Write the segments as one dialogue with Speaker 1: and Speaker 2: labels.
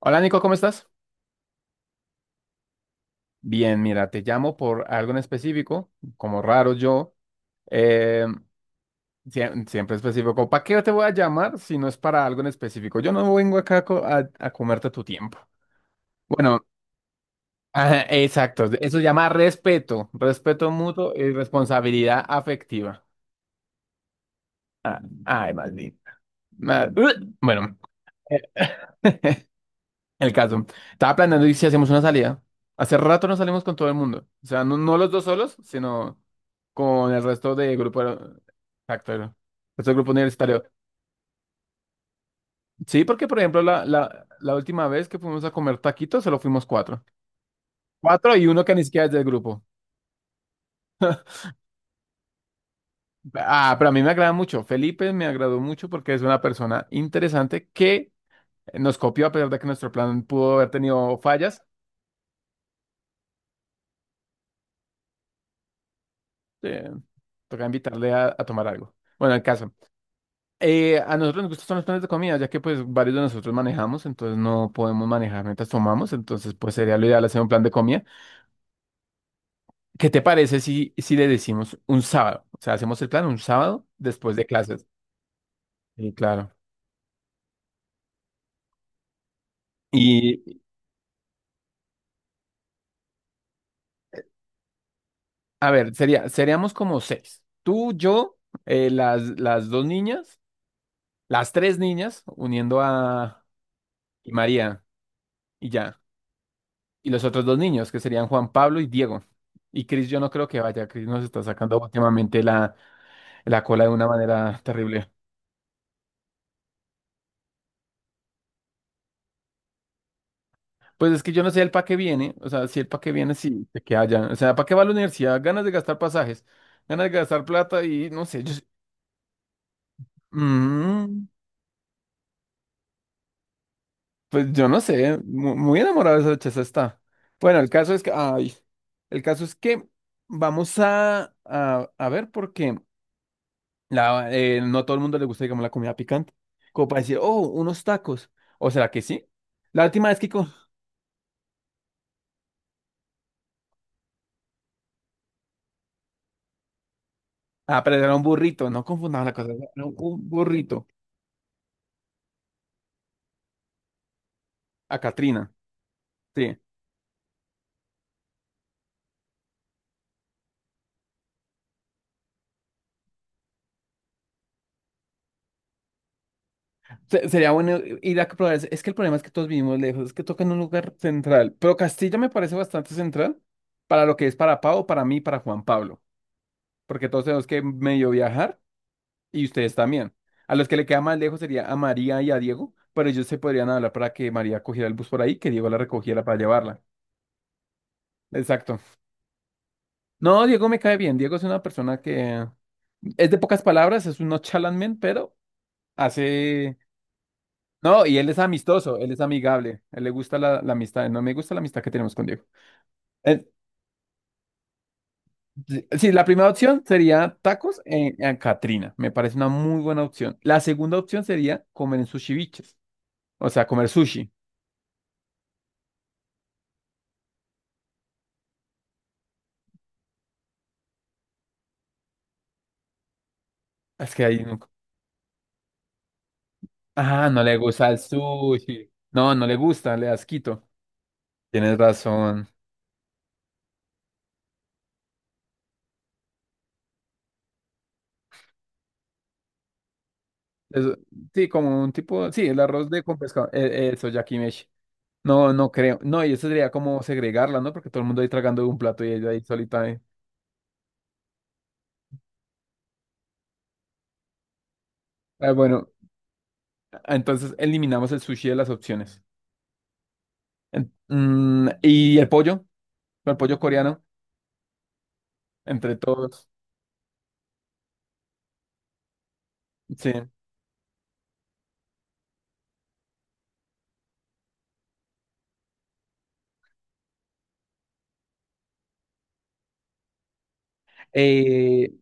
Speaker 1: Hola Nico, ¿cómo estás? Bien, mira, te llamo por algo en específico, como raro yo, eh, siempre específico. ¿Para qué te voy a llamar si no es para algo en específico? Yo no vengo acá a comerte tu tiempo. Bueno, ajá, exacto, eso se llama respeto, respeto mutuo y responsabilidad afectiva. Ah, ay, maldito. Ma- Bueno, el caso. Estaba planeando y si hacemos una salida. Hace rato no salimos con todo el mundo. O sea, no los dos solos, sino con el resto de grupo. Exacto. El resto del grupo universitario. Sí, porque por ejemplo, la última vez que fuimos a comer taquitos, solo fuimos cuatro. Cuatro y uno que ni siquiera es del grupo. Ah, pero a mí me agrada mucho. Felipe me agradó mucho porque es una persona interesante que nos copió a pesar de que nuestro plan pudo haber tenido fallas. Eh, Toca invitarle a tomar algo. Bueno, el caso. A nosotros nos gustan los planes de comida, ya que pues varios de nosotros manejamos, entonces no podemos manejar mientras tomamos, entonces pues sería lo ideal hacer un plan de comida. ¿Qué te parece si le decimos un sábado? O sea, hacemos el plan un sábado después de clases. Sí, claro. Y a ver, seríamos como seis. Tú, yo, las dos niñas, las tres niñas, uniendo a y María y ya. Y los otros dos niños, que serían Juan Pablo y Diego. Y Cris, yo no creo que vaya, Cris nos está sacando últimamente la cola de una manera terrible. Pues es que yo no sé el pa' qué viene, o sea, si el pa' qué viene, sí, de que haya. O sea, ¿para qué va a la universidad? Ganas de gastar pasajes, ganas de gastar plata y no sé, yo. Mm, pues yo no sé, muy enamorada de esa chaza está. Bueno, el caso es que vamos a ver porque no a todo el mundo le gusta, digamos, la comida picante. Como para decir, oh, unos tacos. ¿O será que sí? La última vez que Ah, pero era un burrito, no confundamos la cosa, era un burrito. A Katrina, sí. Sería bueno ir a probar. Es que el problema es que todos vivimos lejos, es que toca en un lugar central. Pero Castilla me parece bastante central para lo que es para Pau, para mí, para Juan Pablo. Porque todos tenemos que medio viajar y ustedes también. A los que le queda más lejos sería a María y a Diego, pero ellos se podrían hablar para que María cogiera el bus por ahí, que Diego la recogiera para llevarla. Exacto. No, Diego me cae bien. Diego es una persona que es de pocas palabras, es un no chalamen, pero hace. No, y él es amistoso, él es amigable, él le gusta la amistad, no me gusta la amistad que tenemos con Diego. Eh, sí, sí, la primera opción sería tacos en Catrina, me parece una muy buena opción. La segunda opción sería comer en sushi biches, o sea, comer sushi. Es que ahí nunca... Ah, no le gusta el sushi. No, no le gusta, le da asquito. Tienes razón. Eso- sí, como un tipo, sí, el arroz de con pescado, eso, yakimeshi. No, no creo. No, y eso sería como segregarla, ¿no? Porque todo el mundo ahí tragando de un plato y ella ahí solita. Ah, bueno, entonces eliminamos el sushi de las opciones. Y el pollo, coreano, entre todos. Sí. Eh,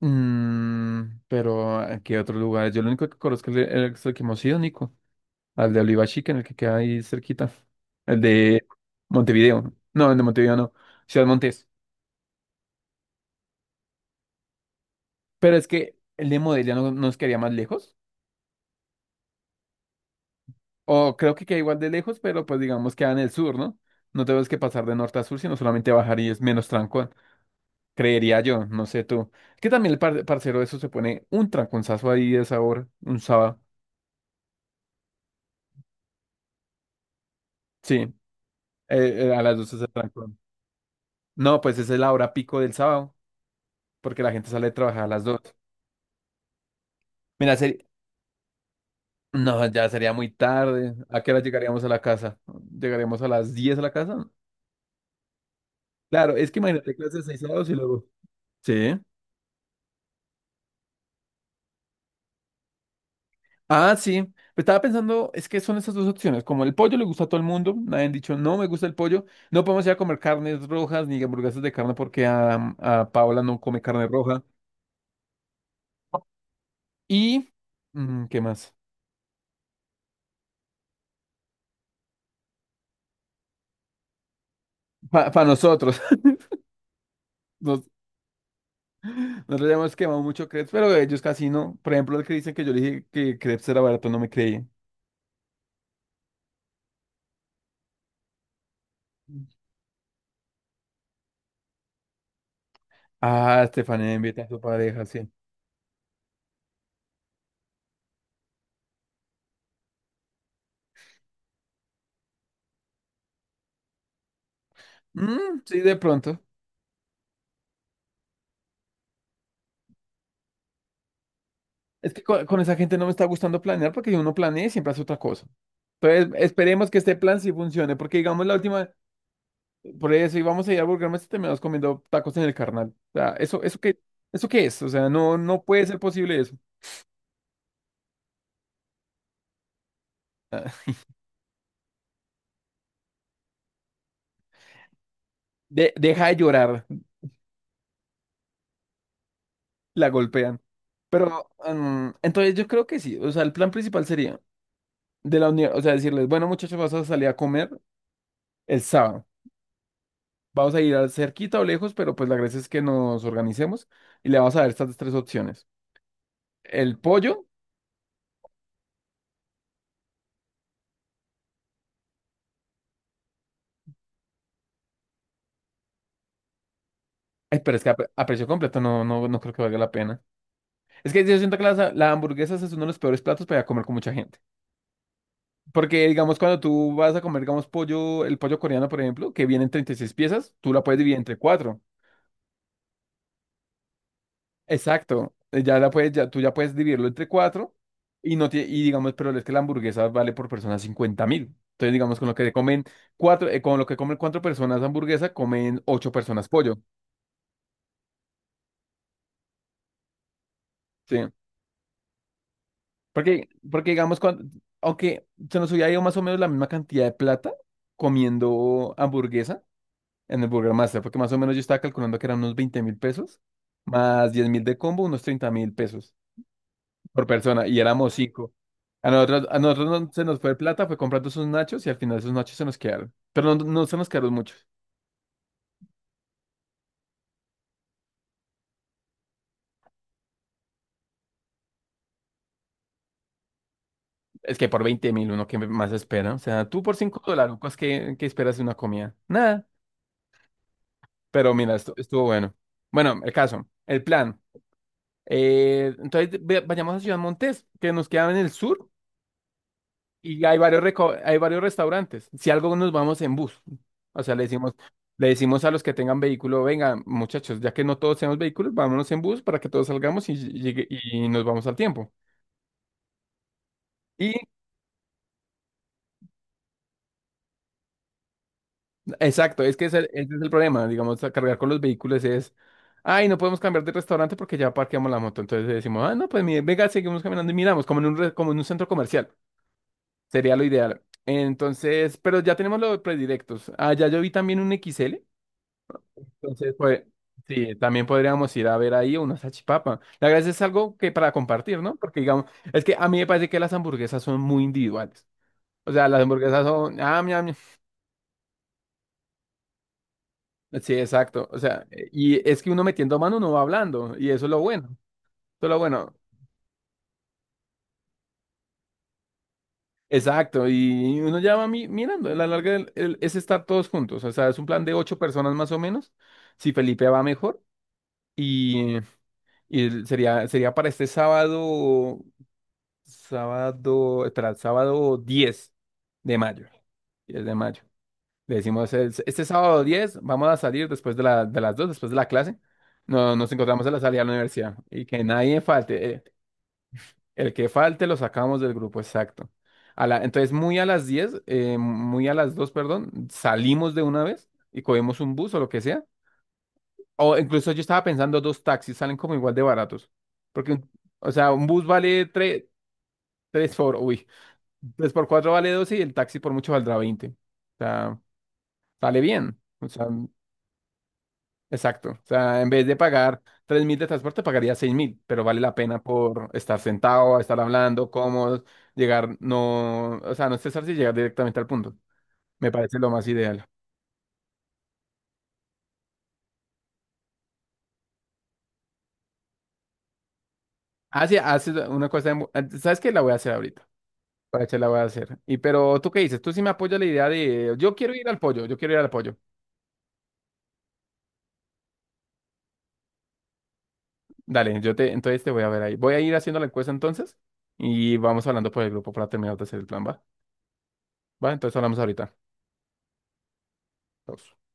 Speaker 1: mm, pero ¿a qué otros lugares? Yo lo único que conozco es es el que hemos ido, Nico. Al de Oliva Chica, en el que queda ahí cerquita. El de Montevideo. No, el de Montevideo no. Ciudad Montes. Pero es que el de Modelia no nos quedaría más lejos. O creo que queda igual de lejos, pero pues digamos queda en el sur, ¿no? No tenemos que pasar de norte a sur, sino solamente bajar y es menos tranco. Creería yo, no sé tú. Es que también el parcero de eso se pone un tranconzazo ahí de sabor, un sábado. Sí, a las dos es el trancón. No, pues esa es la hora pico del sábado, porque la gente sale a trabajar a las dos. Mira, no, ya sería muy tarde. ¿A qué hora llegaríamos a la casa? ¿Llegaríamos a las 10 a la casa? Claro, es que imagínate clases 6 sábados y luego. Sí. Ah, sí. Pues estaba pensando, es que son esas dos opciones. Como el pollo le gusta a todo el mundo, nadie han dicho, no me gusta el pollo. No podemos ir a comer carnes rojas ni hamburguesas de carne porque a Paola no come carne roja. Y, ¿Qué más? Para nosotros, nos- nosotros ya hemos quemado mucho crepes, pero ellos casi no. Por ejemplo, el que dicen que yo le dije que crepes era barato, no me creían. Ah, Estefanía invita a su pareja, sí. Mm, sí, de pronto. Es que con esa gente no me está gustando planear porque si uno planea y siempre hace otra cosa. Entonces, esperemos que este plan sí funcione, porque digamos la última, por eso íbamos a ir a Burger Master y terminamos comiendo tacos en el carnal. O sea, eso qué es, o sea, no puede ser posible eso. Deja de llorar, la golpean. Pero, entonces yo creo que sí, o sea, el plan principal sería de la unión, o sea, decirles, bueno, muchachos, vas a salir a comer el sábado. Vamos a ir al cerquita o lejos, pero pues la gracia es que nos organicemos y le vamos a dar estas tres opciones. El pollo, ay, pero es que a precio completo no creo que valga la pena. Es que yo siento que la hamburguesa es uno de los peores platos para comer con mucha gente. Porque, digamos, cuando tú vas a comer, digamos, pollo, el pollo coreano, por ejemplo, que viene en 36 piezas, tú la puedes dividir entre cuatro. Exacto. Ya la puedes, ya, tú ya puedes dividirlo entre cuatro y no tie- y digamos, pero es que la hamburguesa vale por persona 50.000. Entonces, digamos, con lo que comen cuatro personas hamburguesa, comen ocho personas pollo. Sí. Porque digamos, cuando, aunque se nos hubiera ido más o menos la misma cantidad de plata comiendo hamburguesa en el Burger Master, porque más o menos yo estaba calculando que eran unos 20.000 pesos, más 10.000 de combo, unos 30.000 pesos por persona, y éramos cinco. A nosotros, no se nos fue plata, fue comprando esos nachos y al final esos nachos se nos quedaron. Pero no, no se nos quedaron muchos. Es que por 20.000 uno que más espera. O sea, tú por $5, ¿qué esperas de una comida? Nada. Pero mira, esto, estuvo bueno. Bueno, el caso, el plan. Entonces vayamos a Ciudad Montes, que nos queda en el sur y hay varios restaurantes. Si algo nos vamos en bus, o sea, le decimos a los que tengan vehículo, venga, muchachos, ya que no todos tenemos vehículos, vámonos en bus para que todos salgamos y nos vamos al tiempo. Y exacto, es que ese es el problema, digamos, a cargar con los vehículos es, ay, no podemos cambiar de restaurante porque ya parqueamos la moto. Entonces decimos, ah, no, pues mire, venga, seguimos caminando y miramos, como en un centro comercial. Sería lo ideal. Entonces, pero ya tenemos los predilectos. Ah, ya yo vi también un XL. Entonces, pues, sí, también podríamos ir a ver ahí una salchipapa. La verdad es algo que para compartir, ¿no? Porque, digamos, es que a mí me parece que las hamburguesas son muy individuales. O sea, las hamburguesas son, ah, mia, mia. Sí, exacto. O sea, y es que uno metiendo mano uno va hablando, y eso es lo bueno. Eso es lo bueno. Exacto, y uno ya va mirando. A la larga es estar todos juntos. O sea, es un plan de ocho personas más o menos. Si Felipe va mejor. Y, y sería para este sábado, sábado, espera, el sábado 10 de mayo. 10 de mayo. Le decimos, este sábado 10 vamos a salir después de las 2 después de la clase. No, nos encontramos en la salida de la universidad. Y que nadie falte. El que falte lo sacamos del grupo, exacto. Entonces, muy a las 10 muy a las 2 perdón, salimos de una vez y cogemos un bus o lo que sea. O incluso yo estaba pensando, dos taxis salen como igual de baratos. Porque, o sea, un bus vale tres. tres por, uy, 3 por 4 vale 12 y el taxi por mucho valdrá 20. O sea, sale bien. O sea, exacto. O sea, en vez de pagar 3.000 de transporte, pagaría 6.000, pero vale la pena por estar sentado, estar hablando, cómodo, llegar, no, o sea, no estresarse y llegar directamente al punto. Me parece lo más ideal. Ah, sí, haces una cosa, ¿sabes qué? La voy a hacer ahorita. Pache, la voy a hacer. Y pero, ¿tú qué dices? Tú sí me apoyas la idea de, yo quiero ir al pollo, yo quiero ir al pollo. Dale, entonces te voy a ver ahí. Voy a ir haciendo la encuesta entonces y vamos hablando por el grupo para terminar de hacer el plan, ¿va? Va, entonces hablamos ahorita. Chao.